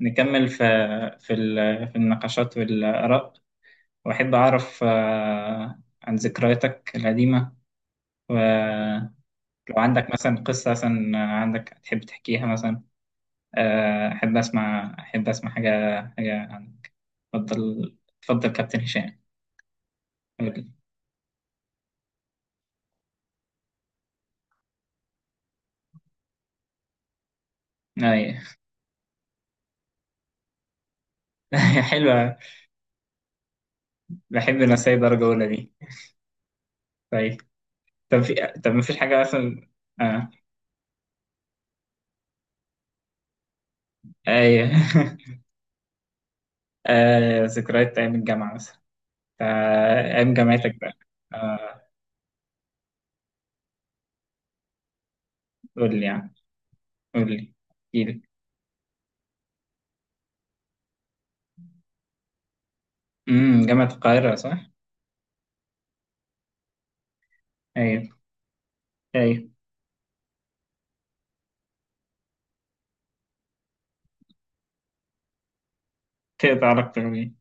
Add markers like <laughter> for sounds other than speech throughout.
نكمل في النقاشات والآراء، وأحب أعرف عن ذكرياتك القديمة. ولو عندك مثلا قصة، مثلا عندك تحب تحكيها مثلا. أحب أسمع حاجة، حاجة عنك. اتفضل اتفضل كابتن هشام. قولي. أي. <laughs> حلوة. بحب الرسايل درجة أولى دي. طيب. طب في. طب مفيش حاجة مثلا؟ آه. أي. <laughs> آه. ذكريات أيام الجامعة مثلا. آه، أيام جامعتك بقى. آه. قول لي يعني، قول لي، احكي. امم، جامعة القاهرة صح؟ ايوه، ايوه. تقطع اكتر من.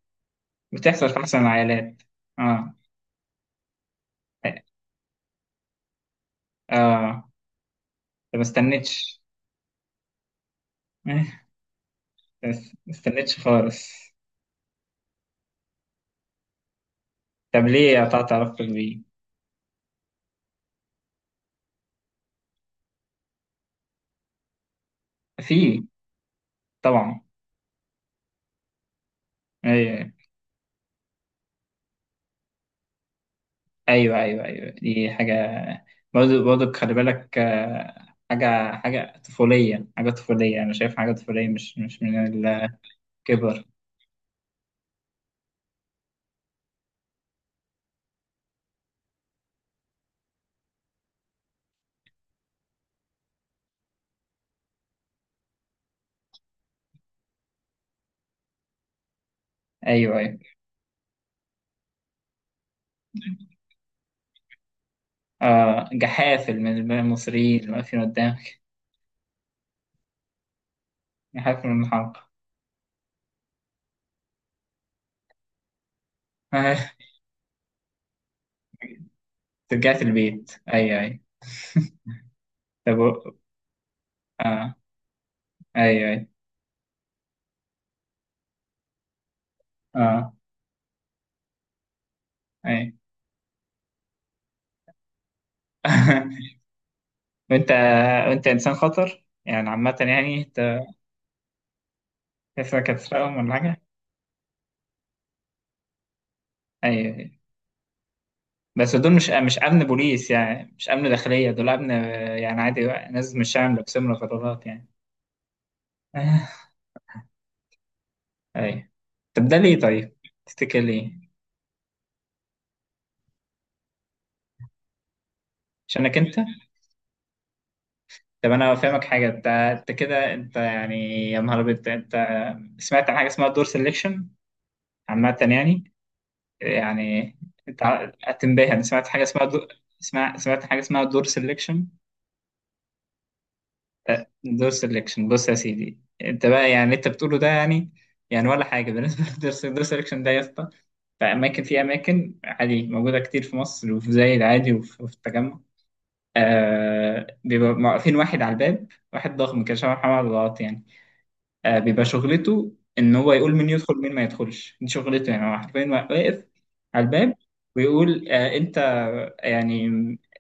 بتحصل في احسن العائلات. اه. اه انت، ما استنيتش. <laughs> إيه، بس ما استنيتش خالص. طب ليه قطعت علاقتك بيه؟ في. طبعا. ايوه، ايوه، ايوه، ايوه دي حاجة. برضه برضه خلي بالك حاجة، حاجة طفولية، حاجة طفولية، أنا شايف حاجة طفولية مش من الكبر. أيوه أيوه. آه، جحافل من المصريين اللي واقفين قدامك. جحافل من الحلقة. آه، رجعت البيت. أيوه أيوه. طب و-. آه. أيوه أيوه. آه. أيوه. <laughs> وأنت، وأنت إنسان خطر يعني عامة يعني أنت، تفرق هتسرقهم ولا حاجة. أيوه أيوه. بس دول مش أمن بوليس يعني، مش أمن داخلية، دول أمن يعني عادي بقى، ناس مش شعب لابسين رفرافات يعني. <laughs> آه، أيوه. طب ده ليه طيب؟ تفتكر ليه؟ عشانك أنت؟ طب انا فاهمك حاجه، انت انت كده انت يعني. يا نهار ابيض انت. سمعت عن حاجه اسمها دور سelection عامه يعني. يعني انت هتنبهر، انا سمعت حاجه اسمها دور. اسمع، سمعت حاجه اسمها دور سelection. دور سelection. بص يا سيدي انت بقى يعني اللي انت بتقوله ده يعني يعني ولا حاجه <laughs> بالنسبه للدور سelection ده يا اسطى. في اماكن، في اماكن عادي موجوده كتير في مصر، وفي زايد عادي، وفي وفي التجمع. آه، بيبقى واقفين واحد على الباب. واحد ضخم كده شبه محمد الغلط يعني. بيبقى شغلته ان هو يقول مين يدخل مين ما يدخلش، دي شغلته يعني. هو حرفيا واقف على الباب ويقول آه انت يعني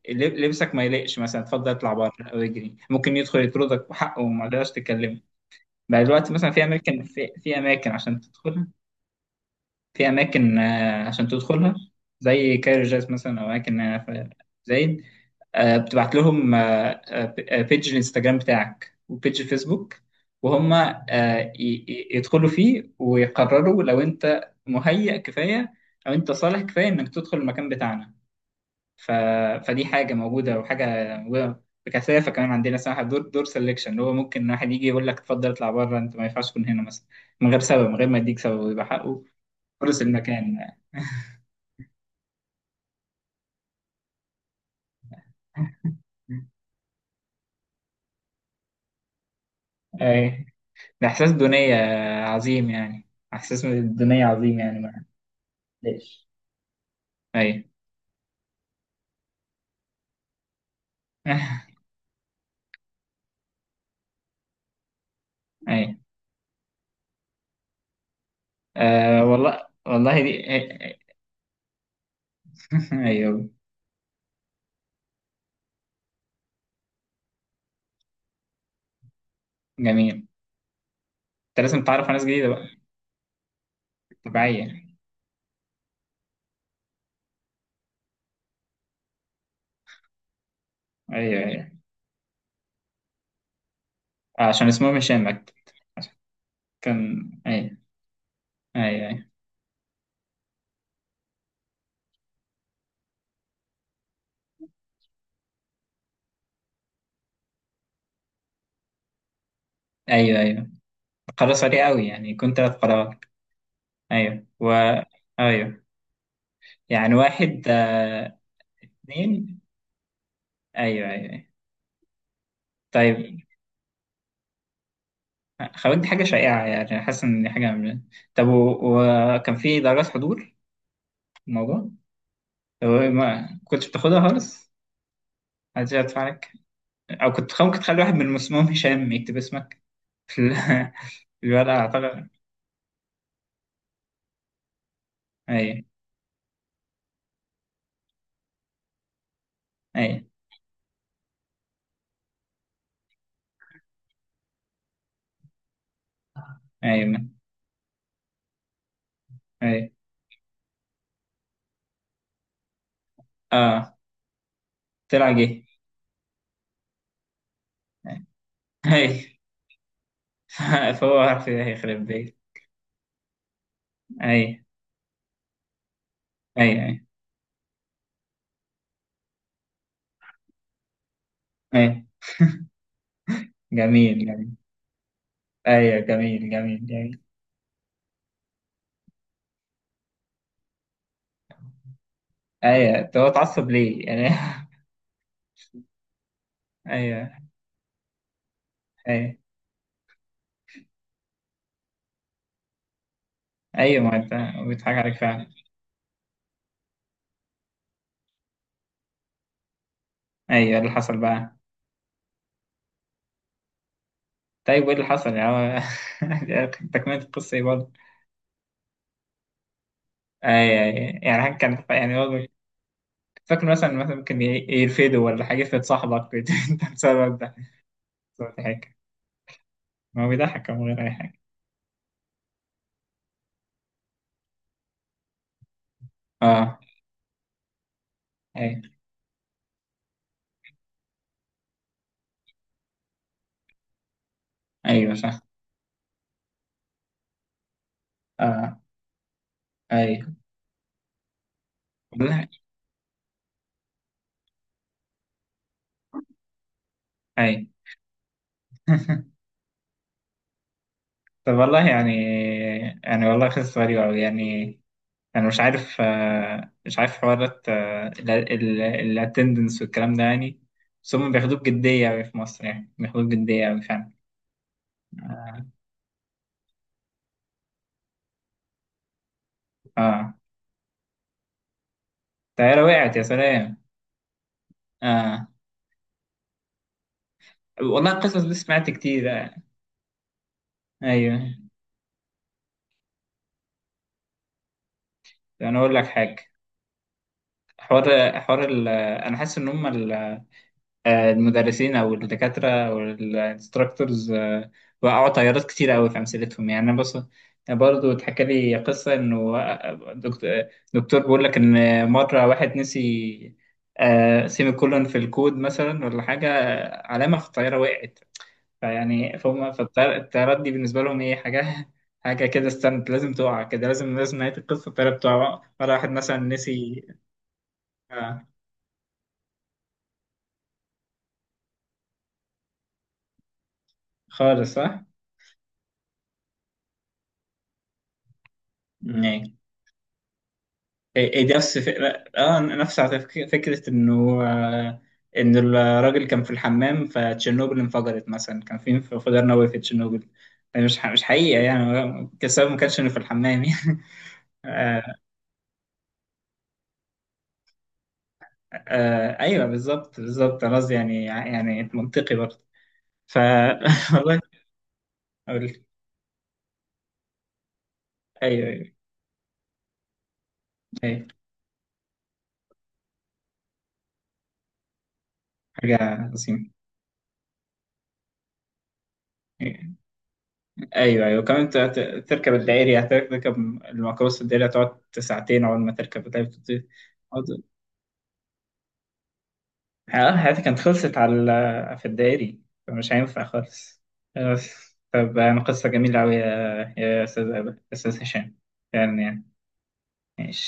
لبسك ما يليقش مثلا، اتفضل اطلع بره او اجري. ممكن يدخل يطردك وحقه وما تقدرش تتكلم. بقى دلوقتي مثلا في اماكن، في اماكن عشان تدخلها. في أماكن عشان تدخلها، زي كايرو جاز مثلا، أو أماكن في زايد، بتبعت لهم بيج الانستجرام بتاعك وبيج الفيسبوك، وهم يدخلوا فيه ويقرروا لو أنت مهيأ كفاية، أو أنت صالح كفاية إنك تدخل المكان بتاعنا. ف... فدي حاجة موجودة، وحاجة موجودة بكثافة كمان عندنا، اسمها دور سelection، اللي هو ممكن واحد يجي يقول لك اتفضل اطلع بره، أنت ما ينفعش تكون هنا مثلا، من غير سبب، من غير ما يديك سبب، ويبقى حقه. فرص المكان. <laughs> أي. ده إحساس دونية عظيم يعني، إحساس من الدونية عظيم يعني. ما ليش. أي. <laughs> أي. أه والله والله دي. <laughs> أيوه. جميل أنت. لازم تعرف على ناس جديدة بقى. طبيعية. أيوه أيوه. عشان اسمهم هشام أكتر. عشان. كان أيوه. أيوه أيوه أيوه. أيوه. قرار سريع أوي يعني، كنت ثلاث قرارات. أيوه، و. أيوه، يعني واحد، اتنين. أيوه أيوه أيوه. طيب. خوات دي حاجة شائعة يعني، حاسس إن دي حاجة من... طب و-، وكان في درجات حضور في الموضوع؟ طب ما كنتش بتاخدها خالص؟ محدش يدفع عليك؟ أو كنت ممكن تخلي واحد من المسموم هشام يكتب اسمك في ال- <laughs> في الورقة أعتقد. أي. أي. أي من. أي. آه. طلع جه. أي. <laughs> فهو عارف إيه هيخرب بيت. أي. أي أي. أي. جميل جميل. أيوة جميل جميل جميل. أيوة، طب هو اتعصب ليه؟ يعني. <laughs> أيوة. أيوة. ايوه، ما انت بيضحك عليك فعلا. ايوه، اللي حصل بقى. طيب وايه اللي حصل يعني هو- <laughs> تكملة القصة ايه برضه؟ اي اي، يعني حاجة كانت يعني برضه. فاكر مثلا، مثلا ممكن يرفدوا ولا حاجة، يفرض صاحبك. <laughs> انت بسبب ده، بسبب حاجة. ما هو بيضحك من غير اي حاجة. اه. اي. ايوه صح. اه. ايوه. والله. اي. <laughs> طب والله يعني، يعني والله قصة غريبة أوي يعني. يعني مش عارف، مش عارف حوارات الاتندنس والكلام ده يعني. بس هم بياخدوه بجدية أوي في مصر يعني، بياخدوه بجدية أوي فعلا. اه. الطيارة وقعت يا سلام. اه. والله القصص دي سمعت كتير. آه. ايوه، انا اقول لك حاجة. حوار ال... انا حاسس ان هم المدرسين او الدكاتره او الانستراكتورز، وقعوا طيارات كتير قوي في امثلتهم يعني. انا بص، برضه اتحكى لي قصه انه دكتور بيقول لك ان مره واحد نسي سيمي كولون في الكود مثلا ولا حاجه، علامه، في الطياره وقعت. فيعني فهم، فالطيارات دي بالنسبه لهم ايه حاجه، حاجه كده استنت لازم تقع كده، لازم لازم نهايه القصه الطياره بتقع. مره واحد مثلا نسي آه، خالص صح؟ إيه إيه، دي نفس فكرة، اه نفس على فكرة انه ان الراجل كان في الحمام فتشيرنوبل انفجرت مثلا، كان في انفجار نووي في تشيرنوبل. يعني مش حقيقة يعني، السبب ما كانش انه في الحمام يعني. <laughs> آه. آه ايوه بالظبط بالظبط، خلاص يعني، يعني منطقي برضه. ف. <laughs> والله. اقول لك، ايوه ايوه ايوه. حاجة عظيمة. ايوه ايوه كمان، تركب الدائري، هتركب الميكروباص الدائري، هتقعد ساعتين اول ما تركب. اه حياتي كانت خلصت على في الدائري. فمش هينفع خالص. بس طب أنا قصة جميلة أوي يا يا أستاذ أبا أستاذ هشام، فعلا يعني. ماشي.